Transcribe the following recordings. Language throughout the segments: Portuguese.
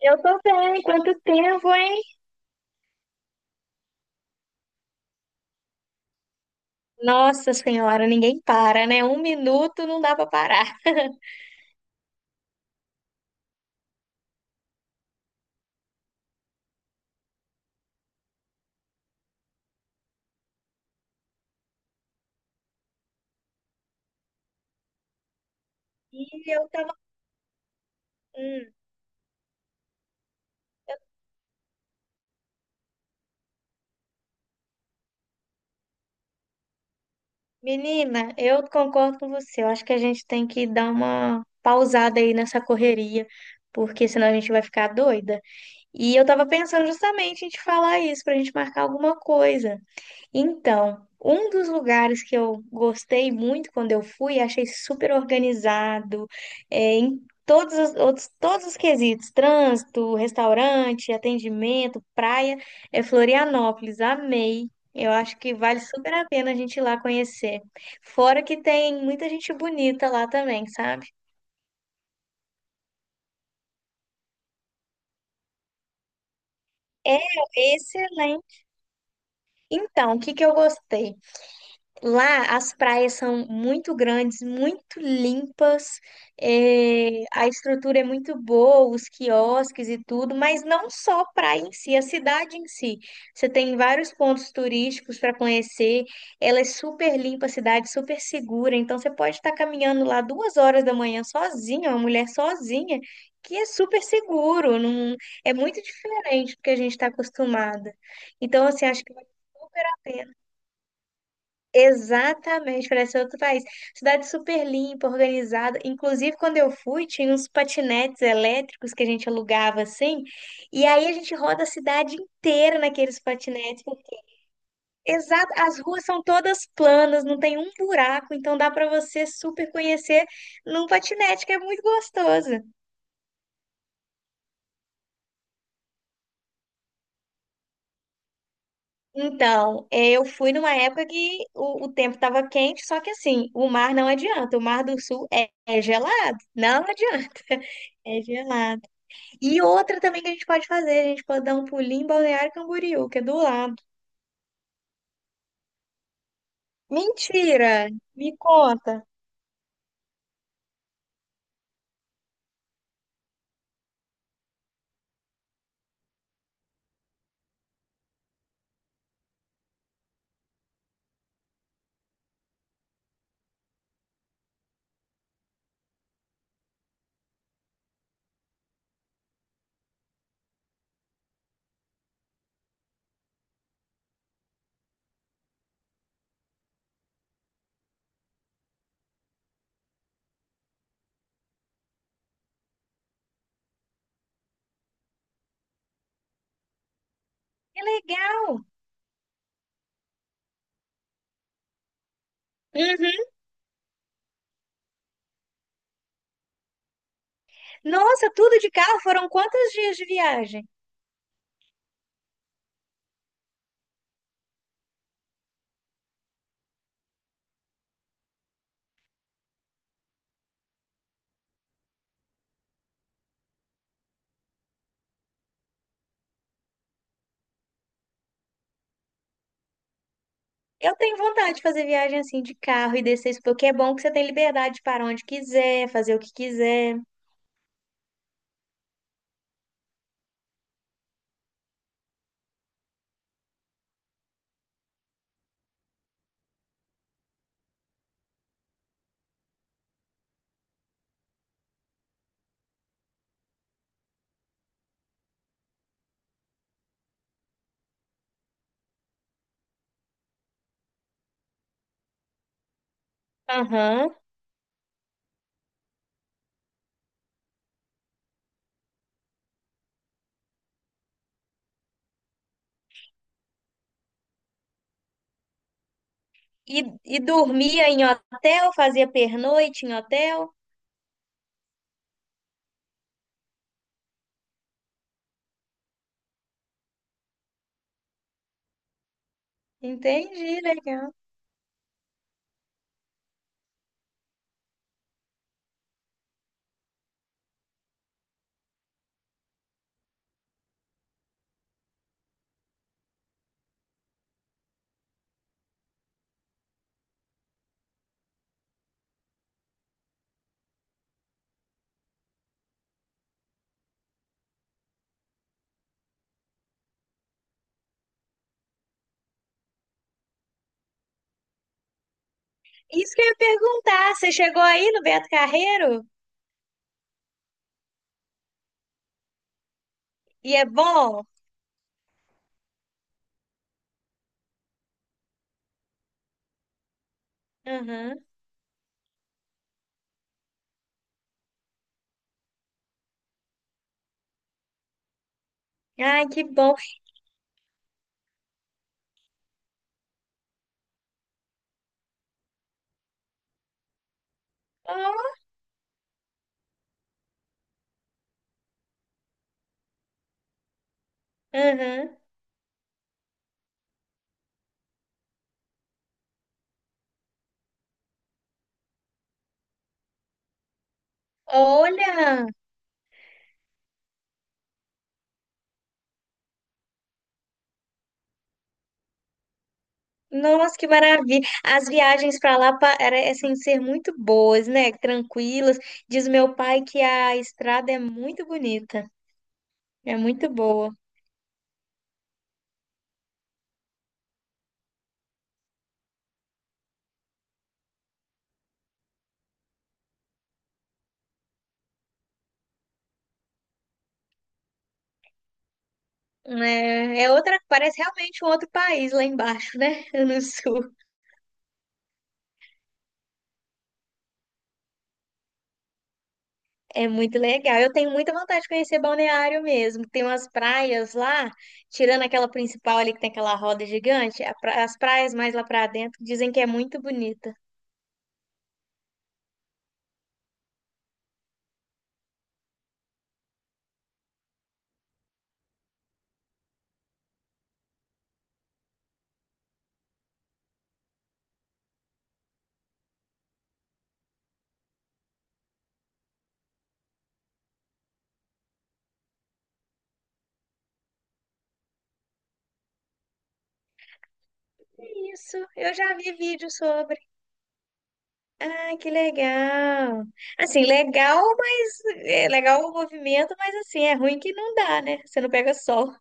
Eu tô bem, quanto tempo, hein? Nossa Senhora, ninguém para, né? Um minuto não dá pra parar. E eu tava. Hum, Menina, eu concordo com você. Eu acho que a gente tem que dar uma pausada aí nessa correria, porque senão a gente vai ficar doida. E eu tava pensando justamente em te falar isso, pra gente marcar alguma coisa. Então, um dos lugares que eu gostei muito quando eu fui, achei super organizado, todos os quesitos, trânsito, restaurante, atendimento, praia, é Florianópolis, amei. Eu acho que vale super a pena a gente ir lá conhecer. Fora que tem muita gente bonita lá também, sabe? É excelente. Então, o que que eu gostei? Lá as praias são muito grandes, muito limpas, a estrutura é muito boa, os quiosques e tudo, mas não só a praia em si, a cidade em si. Você tem vários pontos turísticos para conhecer, ela é super limpa, a cidade super segura, então você pode estar caminhando lá 2 horas da manhã sozinha, uma mulher sozinha, que é super seguro, não é muito diferente do que a gente está acostumada. Então, assim, acho que vale super a pena. Exatamente, parece outro país. Cidade super limpa, organizada. Inclusive, quando eu fui, tinha uns patinetes elétricos que a gente alugava assim, e aí a gente roda a cidade inteira naqueles patinetes. Exato, as ruas são todas planas, não tem um buraco, então dá para você super conhecer num patinete, que é muito gostoso. Então, eu fui numa época que o tempo estava quente, só que assim, o mar não adianta, o Mar do Sul é gelado, não adianta. É gelado. E outra também que a gente pode fazer, a gente pode dar um pulinho em Balneário Camboriú, que é do lado. Mentira! Me conta. Que legal! Uhum. Nossa, tudo de carro? Foram quantos dias de viagem? Eu tenho vontade de fazer viagem assim de carro e descer isso, porque é bom que você tem liberdade de parar onde quiser, fazer o que quiser. Aham. E, e dormia em hotel, fazia pernoite em hotel. Entendi, legal. Isso que eu ia perguntar, você chegou aí no Beto Carreiro? E é bom? Aham. Ai, que bom. Oh, aham. Olha, nossa, que maravilha. As viagens para lá parecem ser muito boas, né? Tranquilas. Diz meu pai que a estrada é muito bonita, é muito boa. É, é outra, parece realmente um outro país lá embaixo, né? No sul. É muito legal. Eu tenho muita vontade de conhecer Balneário mesmo. Tem umas praias lá, tirando aquela principal ali que tem aquela roda gigante, as praias mais lá para dentro dizem que é muito bonita. Isso, eu já vi vídeo sobre. Ah, que legal. Assim, legal, mas é legal o movimento, mas assim, é ruim que não dá, né? Você não pega sol.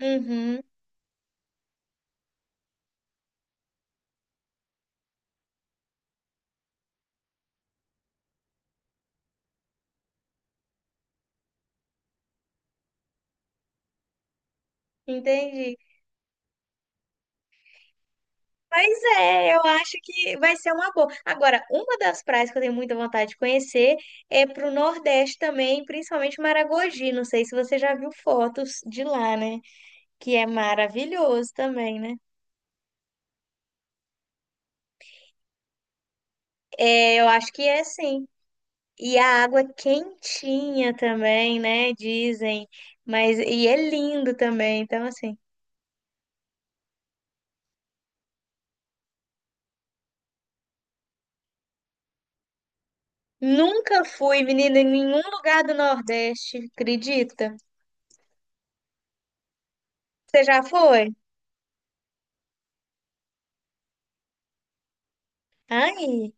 Uhum, entendi. Mas é, eu acho que vai ser uma boa. Agora, uma das praias que eu tenho muita vontade de conhecer é pro Nordeste também, principalmente Maragogi. Não sei se você já viu fotos de lá, né? Que é maravilhoso também, né? É, eu acho que é sim. E a água quentinha também, né? Dizem. Mas e é lindo também. Então, assim, nunca fui, menina, em nenhum lugar do Nordeste, acredita? Você já foi? Ai,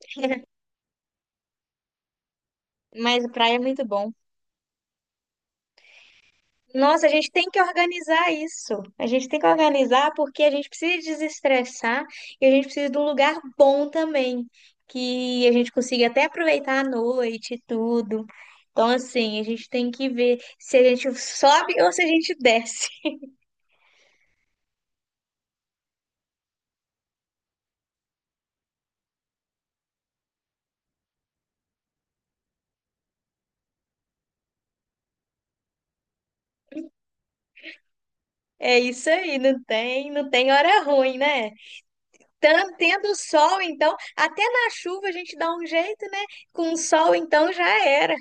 mas praia é muito bom. Nossa, a gente tem que organizar isso. A gente tem que organizar porque a gente precisa desestressar e a gente precisa de um lugar bom também, que a gente consiga até aproveitar a noite e tudo. Então, assim, a gente tem que ver se a gente sobe ou se a gente desce. É isso aí, não tem hora ruim, né? Tendo sol, então, até na chuva a gente dá um jeito, né? Com o sol, então, já era.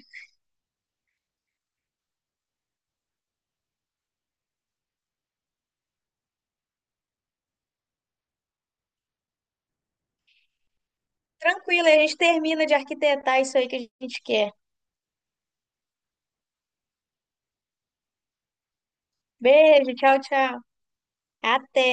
Tranquilo, a gente termina de arquitetar isso aí que a gente quer. Beijo, tchau, tchau. Até.